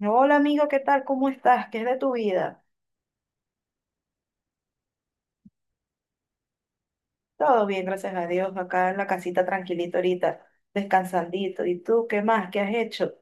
Hola amigo, ¿qué tal? ¿Cómo estás? ¿Qué es de tu vida? Todo bien, gracias a Dios, acá en la casita tranquilito ahorita, descansandito. ¿Y tú qué más? ¿Qué has hecho?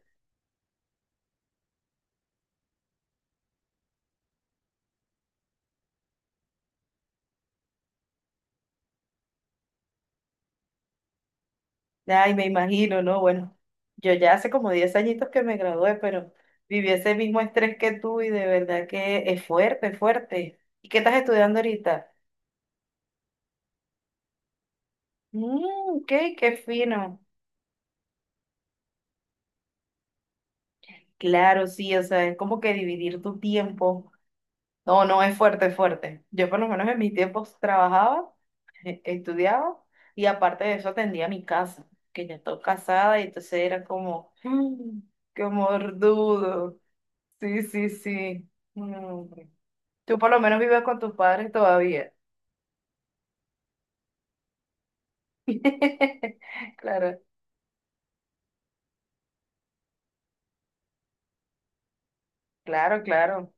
Ay, me imagino, ¿no? Bueno, yo ya hace como 10 añitos que me gradué, pero viví ese mismo estrés que tú y de verdad que es fuerte, fuerte. ¿Y qué estás estudiando ahorita? Mmm, ok, qué fino. Claro, sí, o sea, es como que dividir tu tiempo. No, no, es fuerte, es fuerte. Yo por lo menos en mis tiempos trabajaba, estudiaba y aparte de eso atendía mi casa, que ya estoy casada y entonces era como, "Mm, qué mordudo." Sí, sí, sí. Mm. Tú por lo menos vives con tus padres todavía. Claro, claro, claro.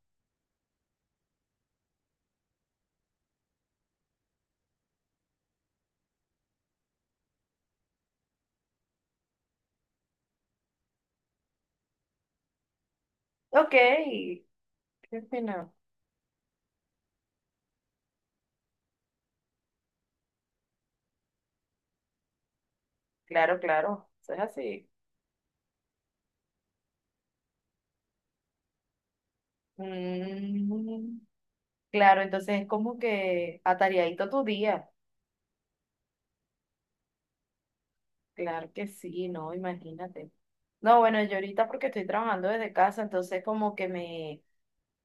Ok, ¿qué opinas? Claro, claro, eso es así. Mm. Claro, entonces es como que atareadito tu día. Claro que sí, no, imagínate. No, bueno, yo ahorita porque estoy trabajando desde casa, entonces como que me,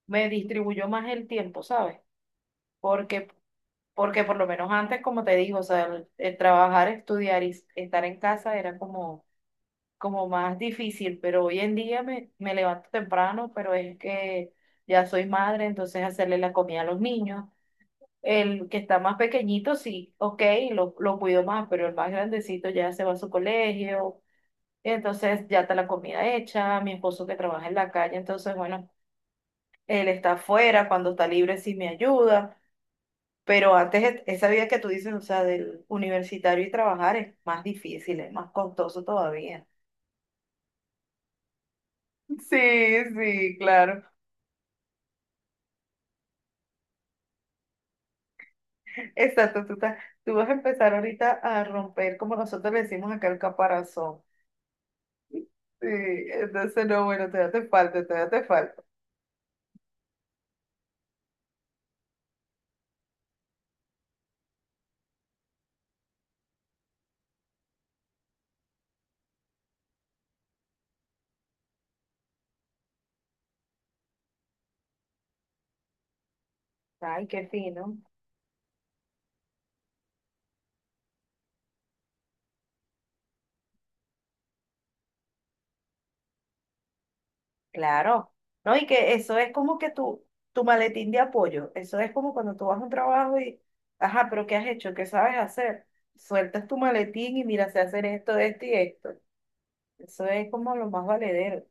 me distribuyó más el tiempo, ¿sabes? Porque, porque por lo menos antes, como te digo, o sea, el trabajar, estudiar y estar en casa era como más difícil, pero hoy en día me levanto temprano, pero es que ya soy madre, entonces hacerle la comida a los niños. El que está más pequeñito, sí, ok, lo cuido más, pero el más grandecito ya se va a su colegio, entonces ya está la comida hecha, mi esposo que trabaja en la calle, entonces bueno, él está afuera, cuando está libre sí me ayuda, pero antes esa vida que tú dices, o sea, del universitario y trabajar es más difícil, es más costoso todavía. Sí, sí, claro. Exacto, tú vas a empezar ahorita a romper, como nosotros le decimos acá, el caparazón. Sí, entonces no, bueno, todavía te falta, todavía te falta. Ay, qué fino. Claro, ¿no? Y que eso es como que tu maletín de apoyo, eso es como cuando tú vas a un trabajo y, ajá, pero ¿qué has hecho? ¿Qué sabes hacer? Sueltas tu maletín y mira, sé hacer esto, esto y esto. Eso es como lo más valedero.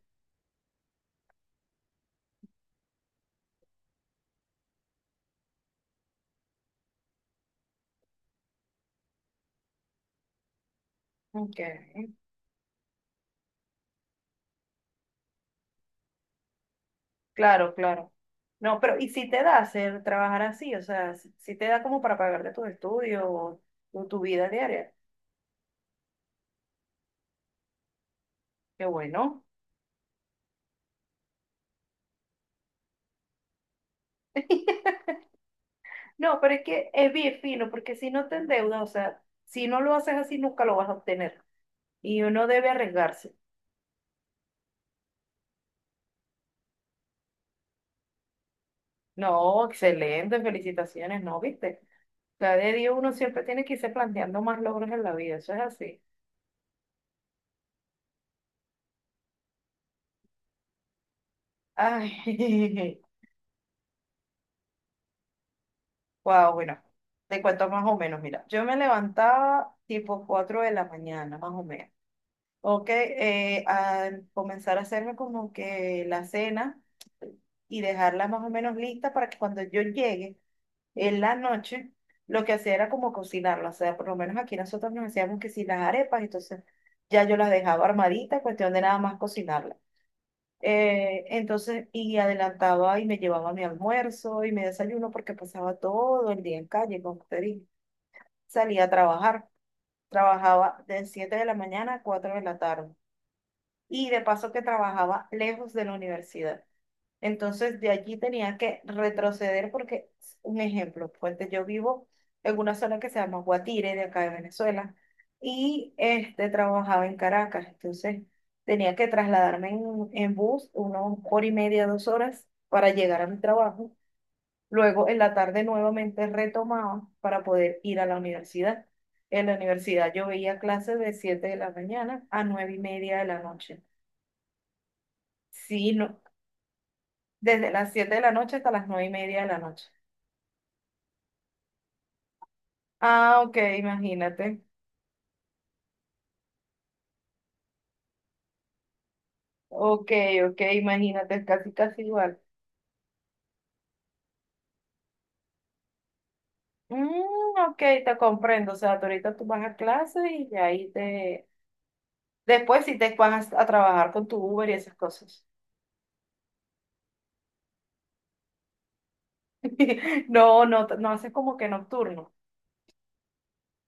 Ok. Claro, claro. No, pero ¿y si te da hacer trabajar así? O sea, si, si te da como para pagarte tus estudios o tu vida diaria. Qué bueno. No, pero es que es bien fino, porque si no te endeudas, o sea, si no lo haces así, nunca lo vas a obtener. Y uno debe arriesgarse. No, excelente, felicitaciones, ¿no? ¿Viste? Cada día uno siempre tiene que irse planteando más logros en la vida, eso es así. Ay, wow, bueno, te cuento más o menos, mira, yo me levantaba tipo 4 de la mañana, más o menos. Ok, a comenzar a hacerme como que la cena y dejarla más o menos lista para que cuando yo llegue en la noche, lo que hacía era como cocinarlo, o sea, por lo menos aquí nosotros nos hacíamos que si las arepas, entonces ya yo las dejaba armaditas, cuestión de nada más cocinarlas. Entonces, y adelantaba y me llevaba mi almuerzo y mi desayuno porque pasaba todo el día en calle, como te dije. Salía a trabajar, trabajaba de 7 de la mañana a 4 de la tarde. Y de paso que trabajaba lejos de la universidad. Entonces de allí tenía que retroceder porque, un ejemplo, fuente, yo vivo en una zona que se llama Guatire, de acá de Venezuela, y trabajaba en Caracas, entonces tenía que trasladarme en bus 1 hora y media, 2 horas para llegar a mi trabajo. Luego en la tarde nuevamente retomaba para poder ir a la universidad. En la universidad yo veía clases de 7 de la mañana a 9 y media de la noche. Sí, no, desde las 7 de la noche hasta las 9 y media de la noche. Ah, ok, imagínate. Ok, ok, imagínate, es casi, casi igual. Mm, ok, te comprendo. O sea, tú ahorita tú vas a clase y ya ahí te... Después sí te vas a, trabajar con tu Uber y esas cosas. No, no, no haces como que nocturno.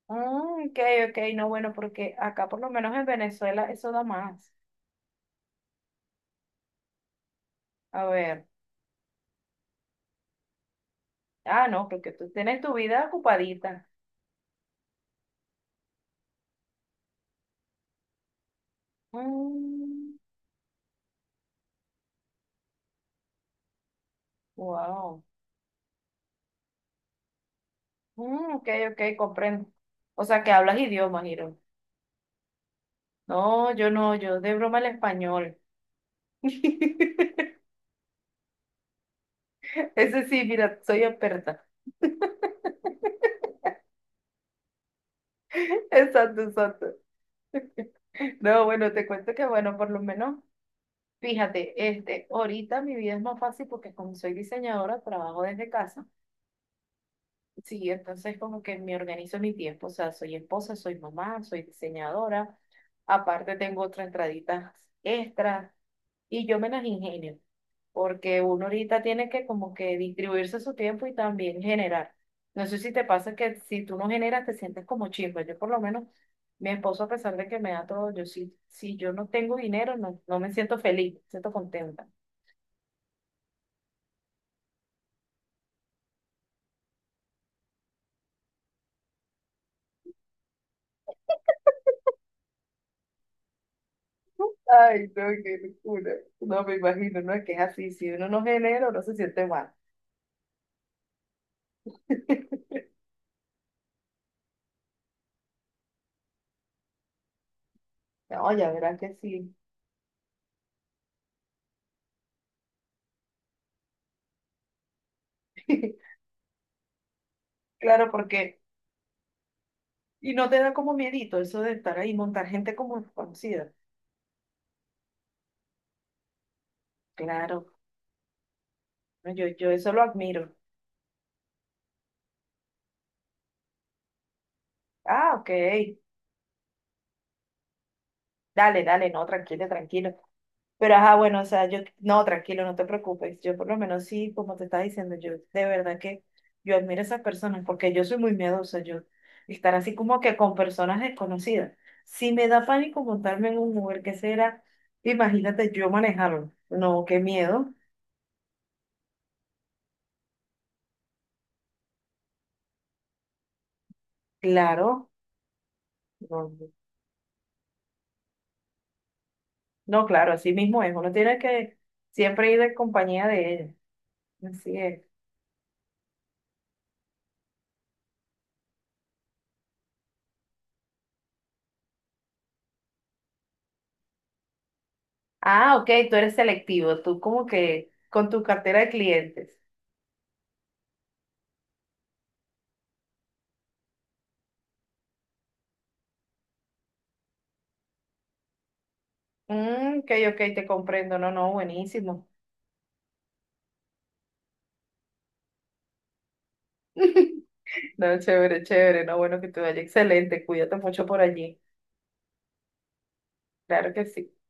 Mm, ok, ok, no, bueno, porque acá por lo menos en Venezuela eso da más. A ver. Ah, no, porque tú tienes tu vida ocupadita. Mm, wow. Mm, ok, ok, comprendo. O sea, que hablas idiomas, Hiro. No, yo no, yo de broma el español. Ese sí, mira, soy experta. Exacto, exacto. No, bueno, te cuento que, bueno, por lo menos, fíjate, ahorita mi vida es más fácil porque como soy diseñadora, trabajo desde casa. Sí, entonces como que me organizo mi tiempo, o sea, soy esposa, soy mamá, soy diseñadora, aparte tengo otras entraditas extras y yo me las ingenio, porque uno ahorita tiene que como que distribuirse su tiempo y también generar. No sé si te pasa que si tú no generas te sientes como chimba, yo por lo menos, mi esposo a pesar de que me da todo, yo sí, si yo no tengo dinero, no, no me siento feliz, me siento contenta. Ay, no, qué locura. No me imagino, no es que es así. Si uno no genera, uno se siente mal. No, ya verás que sí. Claro, porque. Y no te da como miedito eso de estar ahí, montar gente como desconocida. Claro, no, yo eso lo admiro. Ah, ok. Dale, dale, no, tranquilo, tranquilo. Pero ajá, bueno, o sea, yo, no, tranquilo, no te preocupes. Yo por lo menos sí, como te estaba diciendo, yo de verdad que yo admiro a esas personas porque yo soy muy miedosa, yo estar así como que con personas desconocidas. Si me da pánico montarme en un Uber, ¿qué será? Imagínate yo manejarlo. No, qué miedo. Claro, no, no, claro, así mismo es. Uno tiene que siempre ir en compañía de ellos. Así es. Ah, ok, tú eres selectivo, tú como que con tu cartera de clientes. Mm, ok, ok, te comprendo, no, no, buenísimo. No, chévere, chévere, no, bueno, que te vaya excelente, cuídate mucho por allí. Claro que sí.